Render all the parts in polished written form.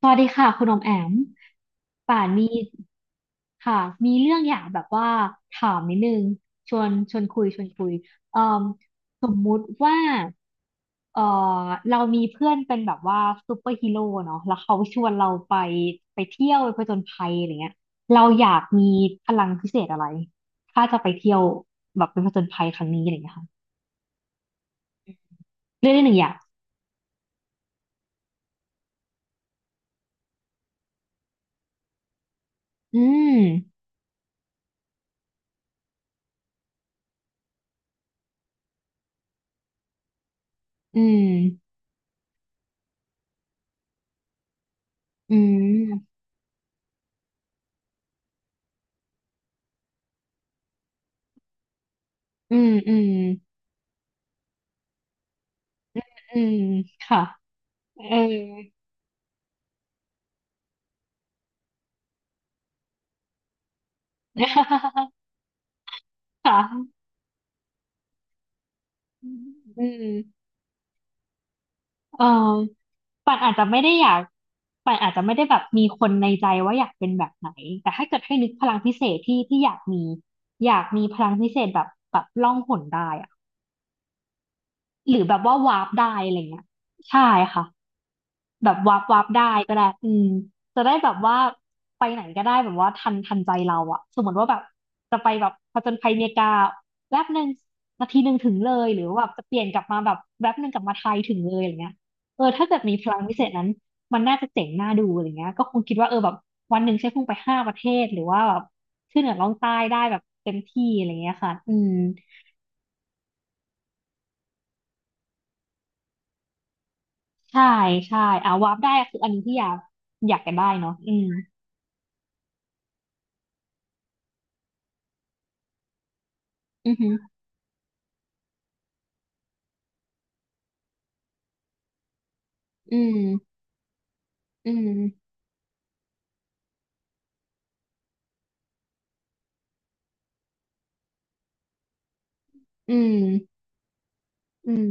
สวัสดีค่ะคุณอมแอมป่านมีค่ะมีเรื่องอยากแบบว่าถามนิดนึงชวนคุยเอ่มสมมุติว่าเอ่อเรามีเพื่อนเป็นแบบว่าซูเปอร์ฮีโร่เนาะแล้วเขาชวนเราไปเที่ยวไปผจญภัยอะไรเงี้ยเราอยากมีพลังพิเศษอะไรถ้าจะไปเที่ยวแบบเป็นผจญภัยครั้งนี้อะไรเงี้ยค่ะเรื่องที่หนึ่งอย่างอืมอืมอืมอืมอืมอืมค่ะ เออ ค่ะอืมเออป่านอาจจะไม่ได้อยากป่านอาจจะไม่ได้แบบมีคนในใจว่าอยากเป็นแบบไหนแต่ถ้าเกิดให้นึกพลังพิเศษที่ที่อยากมีพลังพิเศษแบบล่องหนได้อะหรือแบบว่าวาร์ปได้อะไรเงี้ยใช่ค่ะ แบบวับวับได้ก็ได้อืมจะได้แบบว่าไปไหนก็ได้แบบว่าทันใจเราอะสมมติว่าแบบจะไปแบบผจญภัยเมกาแป๊บหนึ่งนาทีหนึ่งถึงเลยหรือว่าแบบจะเปลี่ยนกลับมาแบบแป๊บหนึ่งกลับมาไทยถึงเลยอะไรเงี้ยเออถ้าเกิดมีพลังวิเศษนั้นมันน่าจะเจ๋งน่าดูอะไรเงี้ยก็คงคิดว่าเออแบบวันหนึ่งใช้พุ่งไปห้าประเทศหรือว่าแบบขึ้นเหนือล่องใต้ได้แบบเต็มที่อะไรเงี้ยค่ะอืมใช่ใช่อ่าวาร์ปได้คืออันนี้ที่อยากกันได้เนาะอืมอือหืออืมอืม อืม อืม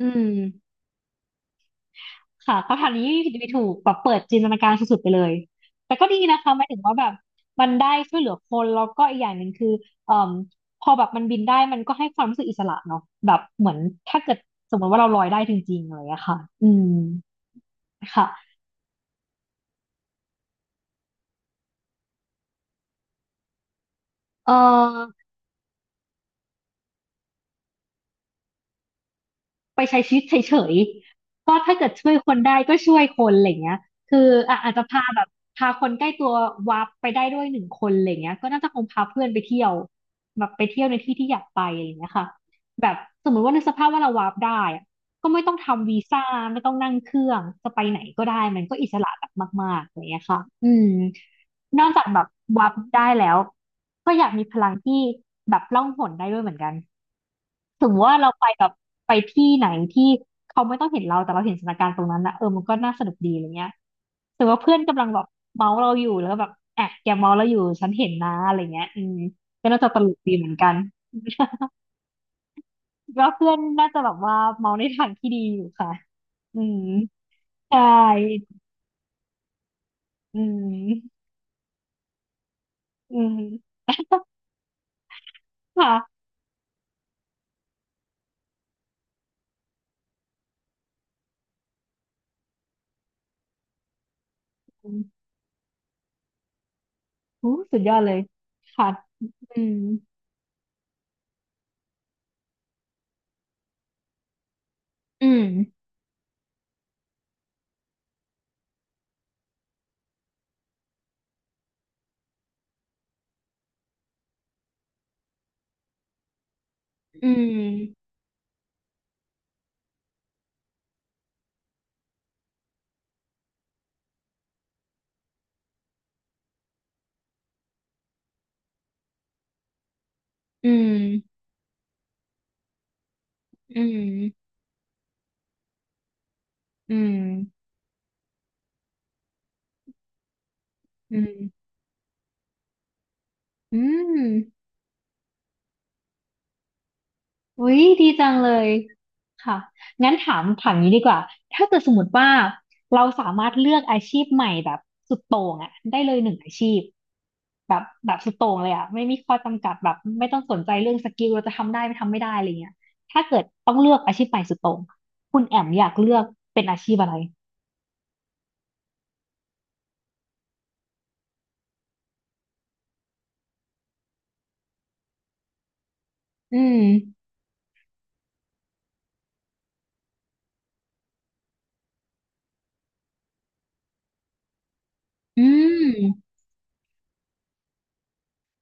อืม ค่ะคำถามนี้่ผิดไม่ถูกแบบเปิดจินตนาการสุดๆไปเลย แต่ก็ดีนะคะหมายถึงว่าแบบมันได้ช่วยเหลือคนแล้วก็อีกอย่างหนึ่งคือเอ่อพอแบบมันบินได้มันก็ให้ความรู้สึกอิสระเนาะแบบเหมือนถ้าเกิดสมมติว่าเราลอยได้จริงๆอะไรอย่างเงี้ยค่ะอืม ค่ะเอ่อ ไปใช้ชีวิตเฉยๆก็ถ้าเกิดช่วยคนได้ก็ช่วยคนอะไรเงี้ยคืออ่ะอาจจะพาแบบพาคนใกล้ตัววาร์ปไปได้ด้วยหนึ่งคนอะไรเงี้ยก็น่าจะคงพาเพื่อนไปเที่ยวแบบไปเที่ยวในที่ที่อยากไปอะไรเงี้ยค่ะแบบสมมติว่าในกสภาพว่าเราวาร์ปได้อะก็ไม่ต้องทำวีซ่าไม่ต้องนั่งเครื่องจะไปไหนก็ได้มันก็อิสระแบบมากๆอะไรเงี้ยค่ะอืมนอกจากแบบวาร์ปได้แล้วก็อยากมีพลังที่แบบล่องหนได้ด้วยเหมือนกัน สมมติว่าเราไปแบบไปที่ไหนที่เขาไม่ต้องเห็นเราแต่เราเห็นสถานการณ์ตรงนั้นนะเออมันก็น่าสนุกดีอะไรเงี้ยสมมติว่าเพื่อนกำลังแบบเมาเราอยู่แล้วก็แบบอ่ะแกเมาเราอยู่ฉันเห็นนะอะไรเงี้ยอืมก็น่าจะตลกดีเหมือนกัน คิดว่าเพื่อนน่าจะแบบว่าเมาในทางที่ดีอยู่ค่ะอืมใช่อืมอืมค่ะอืมอู้สุดยอดเลยค่ะอืมอืมอืมอืมอืมอืมอืม อืมอุ๊ยดีจังเลยค่ะงั้นถามนี้ดีกว่าถ้าเกิดสมมติว่าเราสามารถเลือกอาชีพใหม่แบบสุดโต่งอะได้เลยหนึ่งอาชีพแบบแบบสุดโต่งเลยอะไม่มีข้อจำกัดแบบไม่ต้องสนใจเรื่องสกิลเราจะทำได้ไม่ทำไม่ได้อะไรเงี้ยถ้าเกิดต้องเลือกอาชีพใหม่สุดโต่งคุณแอมอยากเลือกเป็นอาชีพอะไรอืมอืม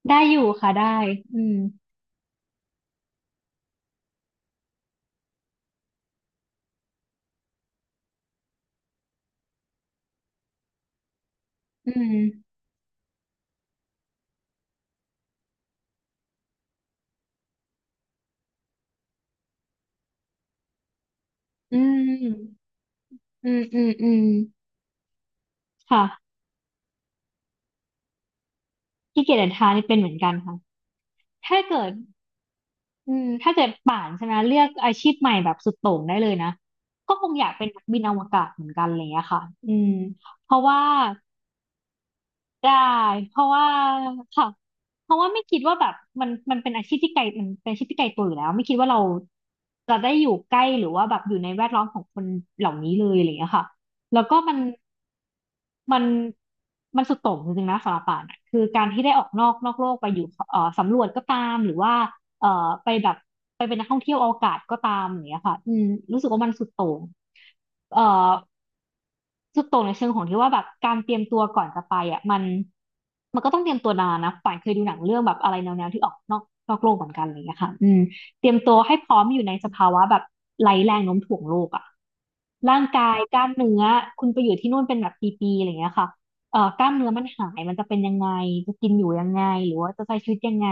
ได้อยู่ค่ะได้อืมอืมอืมอืมอืมอืมค่ะ ขี้เกียจเดินทางนี่เป็นเหมือนกันค่ะถ้าเกิดอืมถ้าเกิดป่านใช่ไหมเลือกอาชีพใหม่แบบสุดโต่งได้เลยนะก็คงอยากเป็นนักบินอวกาศเหมือนกันอะไรอย่างเงี้ยค่ะอืมเพราะว่าได้เพราะว่าค่ะเพราะว่าไม่คิดว่าแบบมันมันเป็นอาชีพที่ไกลมันเป็นอาชีพที่ไกลตัวอยู่แล้วไม่คิดว่าเราจะได้อยู่ใกล้หรือว่าแบบอยู่ในแวดล้อมของคนเหล่านี้เลยอะไรอย่างเงี้ยค่ะแล้วก็มัน มันมันสุดโต่งจริงๆนะสำหรับป่านอะคือการที่ได้ออกนอกโลกไปอยู่สำรวจก็ตามหรือว่าเอ่อไปแบบไปเป็นนักท่องเที่ยวอวกาศก็ตามอย่างเงี้ยค่ะอืมรู้สึกว่ามันสุดโต่งเอ่อ สุดโตงในเชิงของที่ว่าแบบการเตรียมตัวก่อนจะไปอ่ะมันก็ต้องเตรียมตัวนานนะป่านเคยดูหนังเรื่องแบบอะไรแนวๆที่ออกนอกโลกเหมือนกันอะไรอย่างเงี้ยค่ะอืมเตรียมตัวให้พร้อมอยู่ในสภาวะแบบไร้แรงโน้มถ่วงโลกอ่ะร่างกายกล้ามเนื้อคุณไปอยู่ที่นู่นเป็นแบบปีๆอะไรอย่างเงี้ยค่ะกล้ามเนื้อมันหายมันจะเป็นยังไงจะกินอยู่ยังไงหรือว่าจะใช้ชีวิตยังไง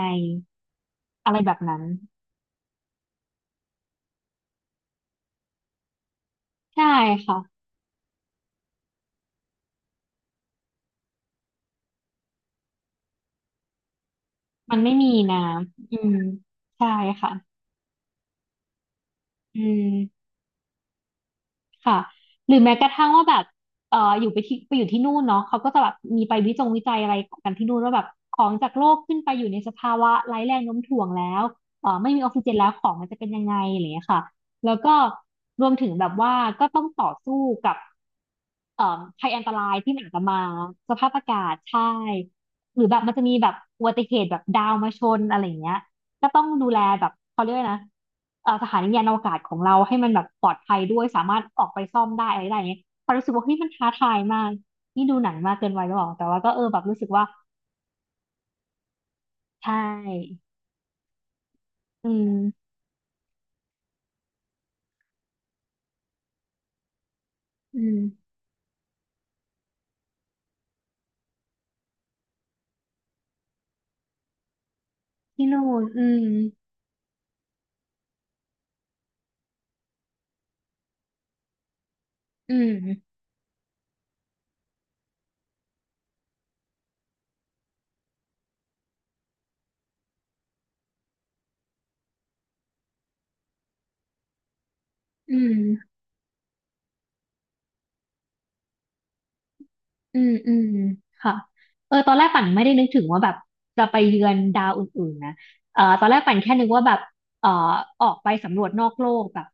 อะไรแบบนั้นใช่ค่ะมันไม่มีนะอืมใช่ค่ะอืม ค่ะ หรือแม้กระทั่งว่าแบบอยู่ไปที่ไปอยู่ที่นู่นเนาะเขาก็จะแบบมีไปวิจงวิจัยอะไรกันที่นู่นว่าแบบของจากโลกขึ้นไปอยู่ในสภาวะไร้แรงโน้มถ่วงแล้วไม่มีออกซิเจนแล้วของมันจะเป็นยังไงอะไรอย่างเงี้ยค่ะแล้วก็รวมถึงแบบว่าก็ต้องต่อสู้กับ เอ่อภัยอันตรายที่มันอาจจะมาสภาพอากาศใช่หรือแบบมันจะมีแบบอุบัติเหตุแบบดาวมาชนอะไรอย่างเงี้ยก็ต้องดูแลแบบเขาเรียกว่านะสถานียานอวกาศของเราให้มันแบบปลอดภัยด้วยสามารถออกไปซ่อมได้อะไรได้อย่างเงี้ยพอรู้สึกว่าเฮ้ยมันท้าทายมากนี่ดูหนังมากเกินวัยหรือเปล่าแต่ว่าก็เออแบบรู้สึกว่าใช่อืมอืมที่นู่นอืมอืมอืม อืมอืมค่ะเออตอนแรกปั่นไม่ได้นึกถึงว่าแบบจะไปเยือนดาวอื่นๆนะเออตอนแรกปั่นแค่นึกว่าแบบเออออกไปสำรวจนอกโลกแบบ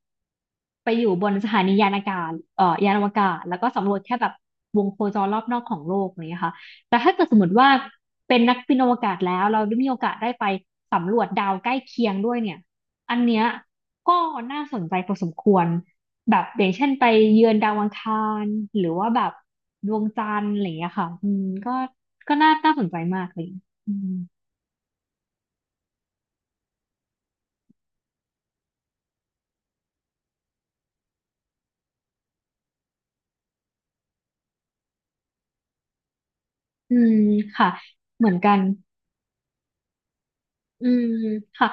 ไปอยู่บนสถานียานอากาศเออยานอวกาศแล้วก็สำรวจแค่แบบวงโคจรรอบนอกของโลกอย่างเนี้ยค่ะแต่ถ้าเกิดสมมติว่าเป็นนักบินอวกาศแล้วเราได้มีโอกาสได้ไปสำรวจดาวใกล้เคียงด้วยเนี่ย อันเนี้ยก็น่าสนใจพอสมควรแบบอย่างเช่นไปเยือนดาวอังคารหรือว่าแบบดวงจันทร์อะไรอย่างเงี้ยค่ะอืมก็ก็น่าสนใจมากเลยอืมอืมค่ะเหมือนกันอืมค่ะ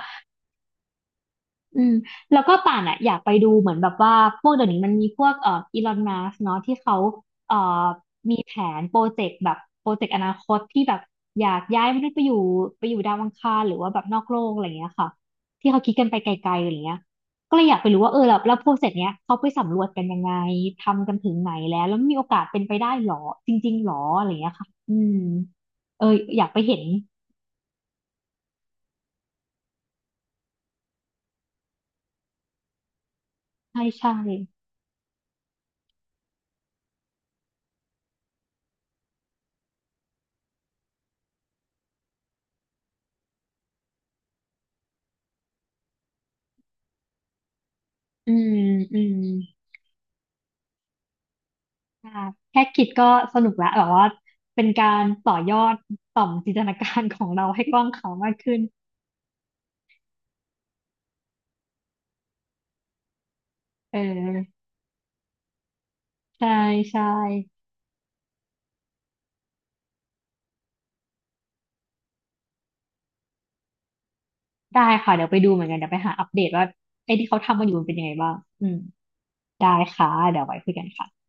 อืมแล้วก็ป่านอ่ะอยากไปดูเหมือนแบบว่าพวกเดี๋ยวนี้มันมีพวกอีลอนมัสเนาะที่เขาเอ่อมีแผนโปรเจกต์แบบโปรเจกต์อนาคตที่แบบอยากย้ายมนุษย์ไปอยู่ไปอยู่ดาวอังคารหรือว่าแบบนอกโลกอะไรอย่างเงี้ยค่ะที่เขาคิดกันไปไกลๆอะไรเงี้ยก็เลยอยากไปรู้ว่าเออแล้วแล้วโปรเจกต์เนี้ยเขาไปสำรวจกันยังไงทำกันถึงไหนแล้วแล้วมีโอกาสเป็นไปได้หรอจริงๆหรออะไรเงี้ยค่ะอืมเอออยากไปเห็นใช่ใช่อืมอืม อ่าแค่คิดก็สนุกละแบบว่าเป็นการต่อยอดต่อมจินตนาการของเราให้กว้างขวางมากขึ้น เออใช่ใช่ได้ค่ะเดี๋ยวไปดูเหมือนกันเดี๋ยวไปหาอัปเดตว่าไอ้ที่เขาทำกันอยู่มันเป็นยังไงบ้างอืมได้ค่ะเดี๋ยวไว้คุยกันค่ะ